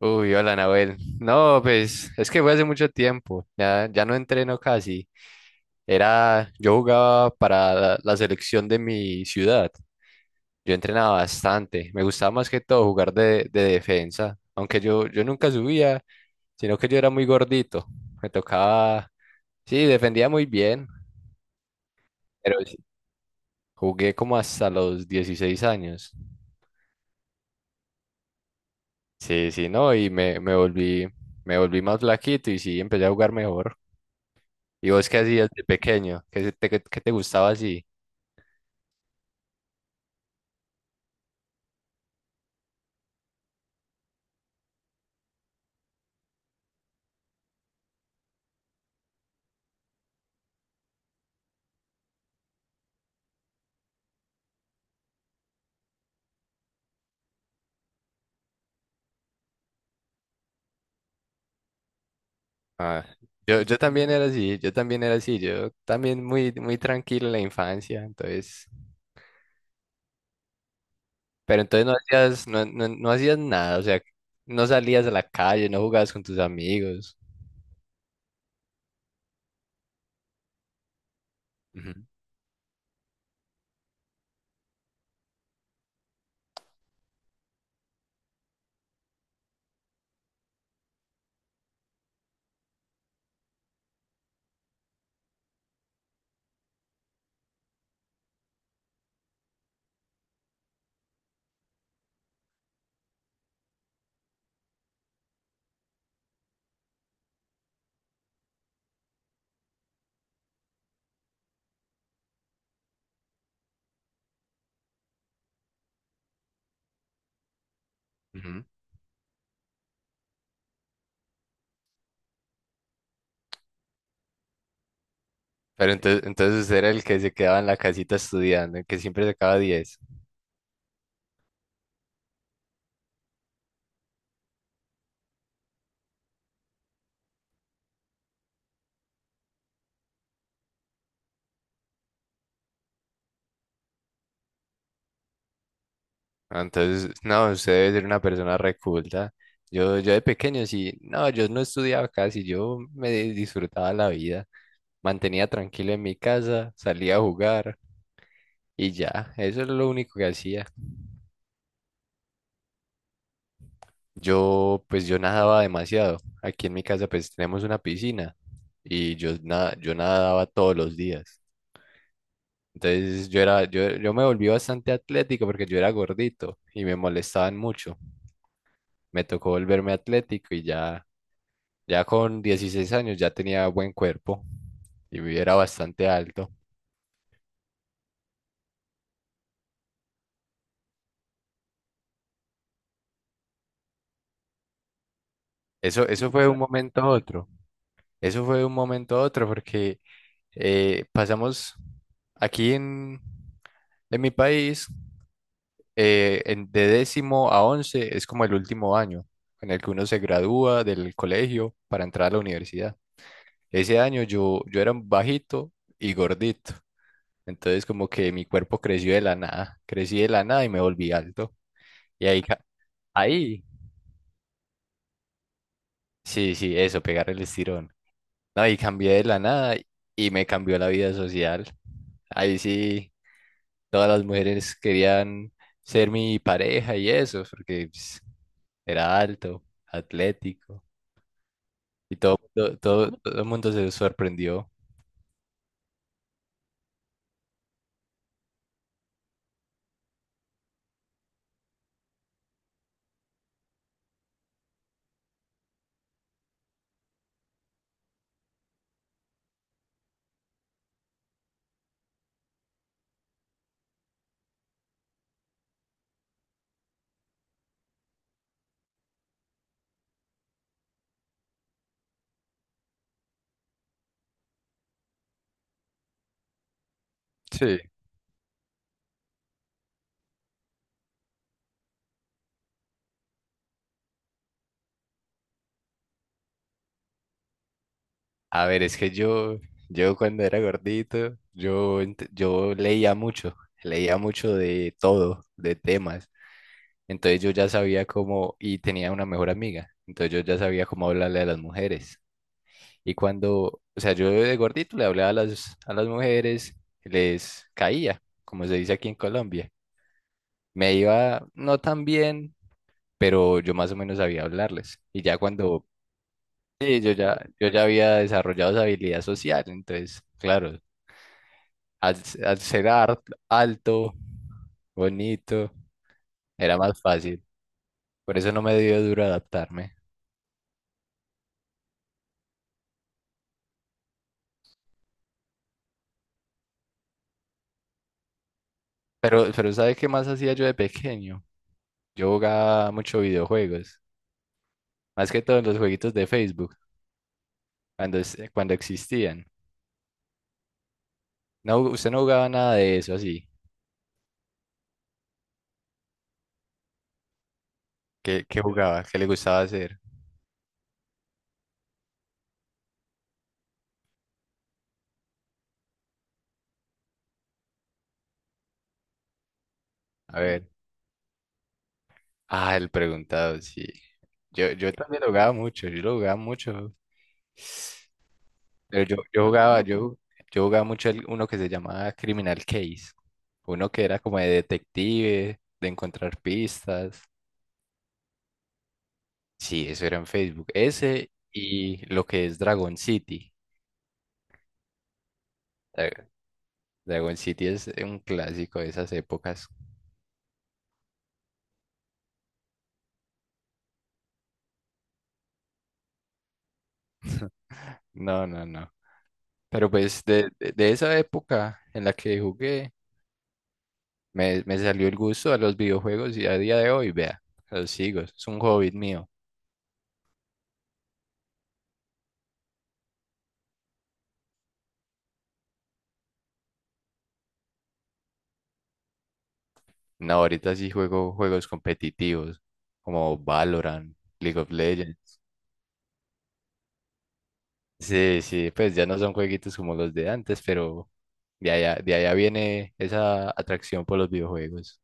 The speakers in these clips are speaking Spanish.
Uy, hola, Nahuel. No, pues es que fue hace mucho tiempo. Ya no entreno casi. Yo jugaba para la selección de mi ciudad. Yo entrenaba bastante. Me gustaba más que todo jugar de defensa. Aunque yo nunca subía, sino que yo era muy gordito. Me tocaba, sí, defendía muy bien. Pero sí, jugué como hasta los 16 años. Sí, sí, no, y me volví más flaquito y sí, empecé a jugar mejor. ¿Y vos qué hacías de pequeño? ¿Qué te gustaba así? Ah, yo también era así, yo también era así, yo también muy, muy tranquilo en la infancia, entonces, pero entonces no hacías nada, o sea, no salías a la calle, no jugabas con tus amigos. Ujú, ujú. Pero entonces usted era el que se quedaba en la casita estudiando, el que siempre sacaba 10. Ah, entonces, no, usted debe ser una persona reculta. Yo de pequeño sí, no, yo no estudiaba casi, yo disfrutaba la vida, mantenía tranquilo en mi casa, salía a jugar y ya, eso es lo único que hacía. Yo, pues yo nadaba demasiado. Aquí en mi casa pues tenemos una piscina y yo nadaba todos los días. Entonces yo me volví bastante atlético porque yo era gordito y me molestaban mucho. Me tocó volverme atlético y ya. Ya con 16 años ya tenía buen cuerpo y era bastante alto. Eso fue de un, claro, momento a otro. Eso fue de un momento a otro porque pasamos aquí en mi país, de décimo a once es como el último año en el que uno se gradúa del colegio para entrar a la universidad. Ese año yo era bajito y gordito. Entonces como que mi cuerpo creció de la nada. Crecí de la nada y me volví alto. Y ahíahí, sí, sí, eso, pegar el estirón. No, y cambié de la nada y me cambió la vida social. Ahí sí, todas las mujeres querían ser mi pareja y eso, porque pues, era alto, atlético, y todo, todo, todo, todo el mundo se sorprendió. Sí. A ver, es que yo cuando era gordito, yo leía mucho de todo, de temas. Entonces yo ya sabía cómo, y tenía una mejor amiga, entonces yo ya sabía cómo hablarle a las mujeres. Y cuando, o sea, yo de gordito le hablaba a las mujeres, les caía, como se dice aquí en Colombia. Me iba no tan bien, pero yo más o menos sabía hablarles. Y ya cuando, sí, yo ya había desarrollado esa habilidad social, entonces, claro, al ser alto, bonito, era más fácil. Por eso no me dio duro adaptarme. Pero, ¿sabe qué más hacía yo de pequeño? Yo jugaba mucho videojuegos, más que todo en los jueguitos de Facebook, cuando existían. No, usted no jugaba nada de eso así. ¿Qué jugaba? ¿Qué le gustaba hacer? A ver. Ah, el preguntado, sí. Yo también lo jugaba mucho, yo lo jugaba mucho. Pero yo jugaba mucho uno que se llamaba Criminal Case. Uno que era como de detective, de encontrar pistas. Sí, eso era en Facebook. Ese y lo que es Dragon City. Dra- Dragon City es un clásico de esas épocas. No, no, no. Pero pues de esa época en la que jugué, me salió el gusto a los videojuegos y a día de hoy, vea, los sigo. Es un hobby mío. No, ahorita sí juego juegos competitivos como Valorant, League of Legends. Sí, sí, pues ya no son jueguitos como los de antes, pero de allá viene esa atracción por los videojuegos.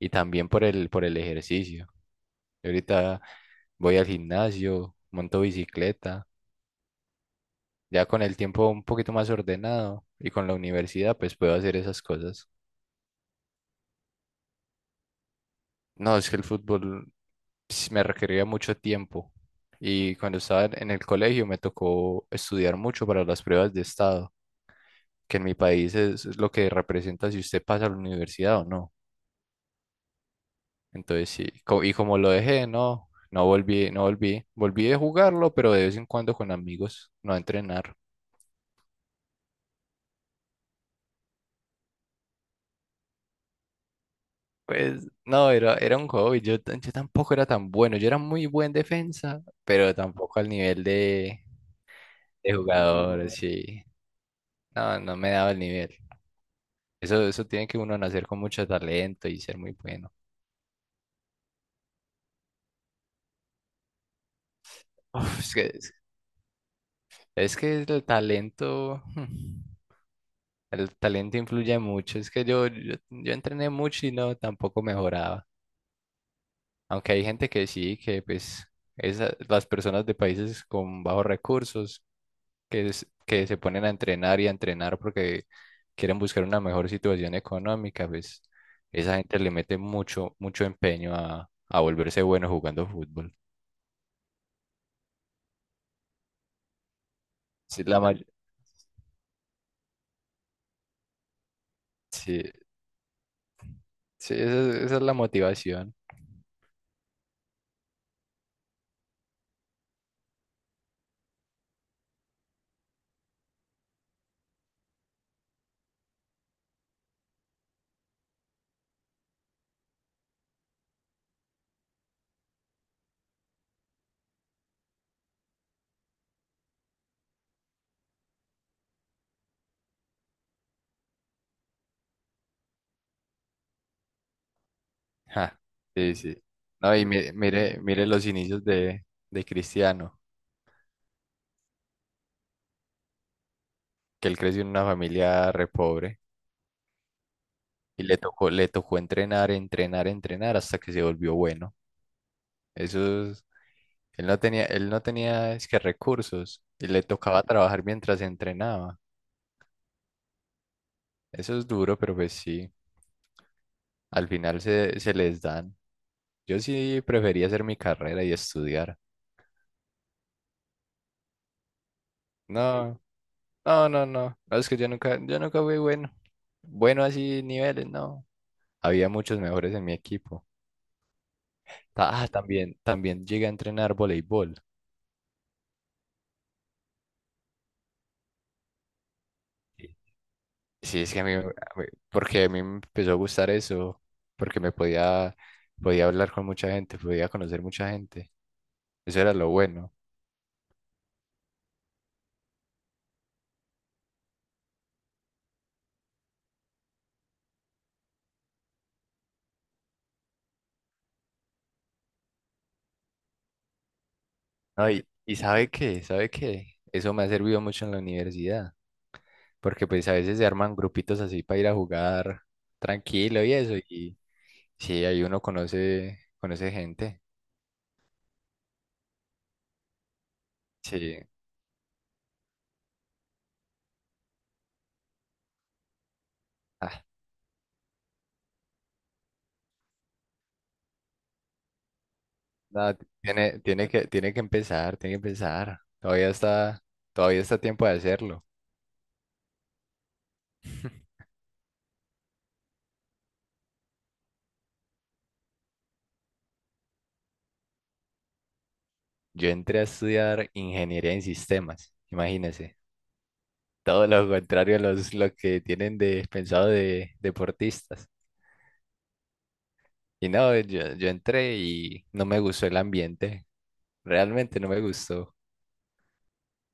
Y también por el ejercicio. Yo ahorita voy al gimnasio, monto bicicleta, ya con el tiempo un poquito más ordenado y con la universidad, pues puedo hacer esas cosas. No, es que el fútbol me requería mucho tiempo y cuando estaba en el colegio me tocó estudiar mucho para las pruebas de estado, que en mi país es lo que representa si usted pasa a la universidad o no. Entonces sí, y como lo dejé, no, no volví, no volví, volví de jugarlo, pero de vez en cuando con amigos, no a entrenar. Pues no, era un hobby. Yo tampoco era tan bueno. Yo era muy buen defensa, pero tampoco al nivel de jugador, sí. No, no me daba el nivel. Eso tiene que uno nacer con mucho talento y ser muy bueno. Uf, es que el talento, el talento influye mucho. Es que yo entrené mucho y no, tampoco mejoraba. Aunque hay gente que sí, que pues las personas de países con bajos recursos que se ponen a entrenar y a entrenar porque quieren buscar una mejor situación económica, pues esa gente le mete mucho, mucho empeño a volverse bueno jugando fútbol. Sí, sí, sí, esa es la motivación. Ja, sí, sí. No, y mire, mire, mire los inicios de Cristiano, que él creció en una familia re pobre y le tocó entrenar, entrenar, entrenar hasta que se volvió bueno. Esos, él no tenía es que recursos y le tocaba trabajar mientras entrenaba. Eso es duro, pero pues sí, al final se les dan. Yo sí prefería hacer mi carrera y estudiar. No, no, no, no. No, es que yo nunca fui bueno. Bueno así niveles, no. Había muchos mejores en mi equipo. Ah, también llegué a entrenar voleibol. Sí, es que mí- porque a mí me empezó a gustar eso, porque podía hablar con mucha gente, podía conocer mucha gente. Eso era lo bueno. No, y ¿sabe qué? ¿Sabe qué? Eso me ha servido mucho en la universidad, porque pues a veces se arman grupitos así para ir a jugar tranquilo y eso, y sí, ahí uno conoce gente. Sí, ah, no, tiene que empezar, tiene que empezar. Todavía está a tiempo de hacerlo. Yo entré a estudiar ingeniería en sistemas, imagínense. Todo lo contrario lo que tienen pensado de deportistas. Y no, yo entré y no me gustó el ambiente. Realmente no me gustó.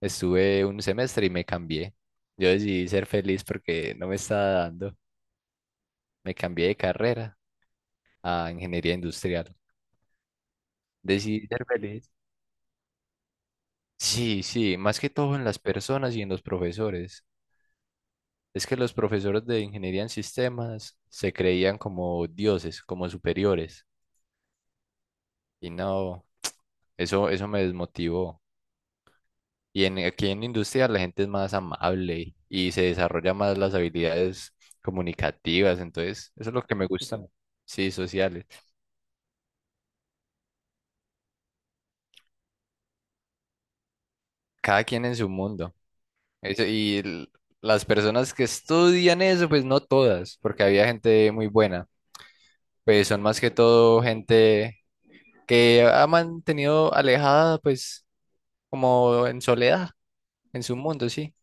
Estuve un semestre y me cambié. Yo decidí ser feliz porque no me estaba dando. Me cambié de carrera a ingeniería industrial. Decidí ser feliz. Sí, sí, más que todo en las personas y en los profesores. Es que los profesores de ingeniería en sistemas se creían como dioses, como superiores. Y no, eso me desmotivó. Aquí en industria la gente es más amable y se desarrolla más las habilidades comunicativas. Entonces, eso es lo que me gusta. Sí, sociales. Cada quien en su mundo. Eso, las personas que estudian eso, pues no todas, porque había gente muy buena. Pues son más que todo gente que ha mantenido alejada, pues como en soledad, en su mundo, sí.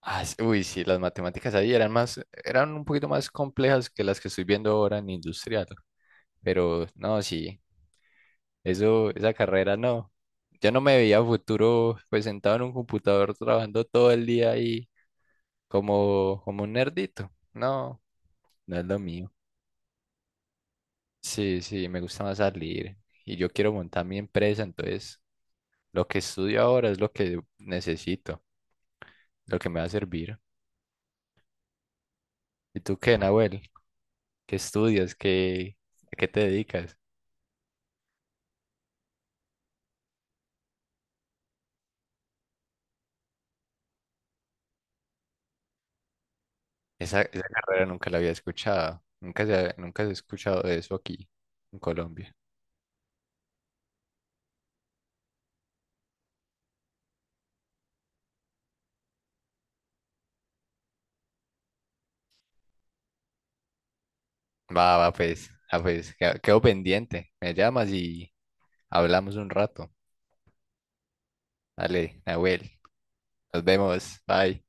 Ah, uy, sí, las matemáticas ahí eran un poquito más complejas que las que estoy viendo ahora en industrial, pero no, sí, eso, esa carrera no. Yo no me veía a futuro pues sentado en un computador trabajando todo el día ahí como un nerdito. No, no es lo mío. Sí, sí, me gusta más salir y yo quiero montar mi empresa, entonces lo que estudio ahora es lo que necesito, lo que me va a servir. ¿Y tú qué, Nahuel? ¿Qué estudias? ¿A qué te dedicas? Esa carrera nunca la había escuchado. Nunca se ha escuchado de eso aquí en Colombia. Va, va, pues, ah, pues, quedo pendiente. Me llamas y hablamos un rato. Dale, Nahuel, nos vemos. Bye.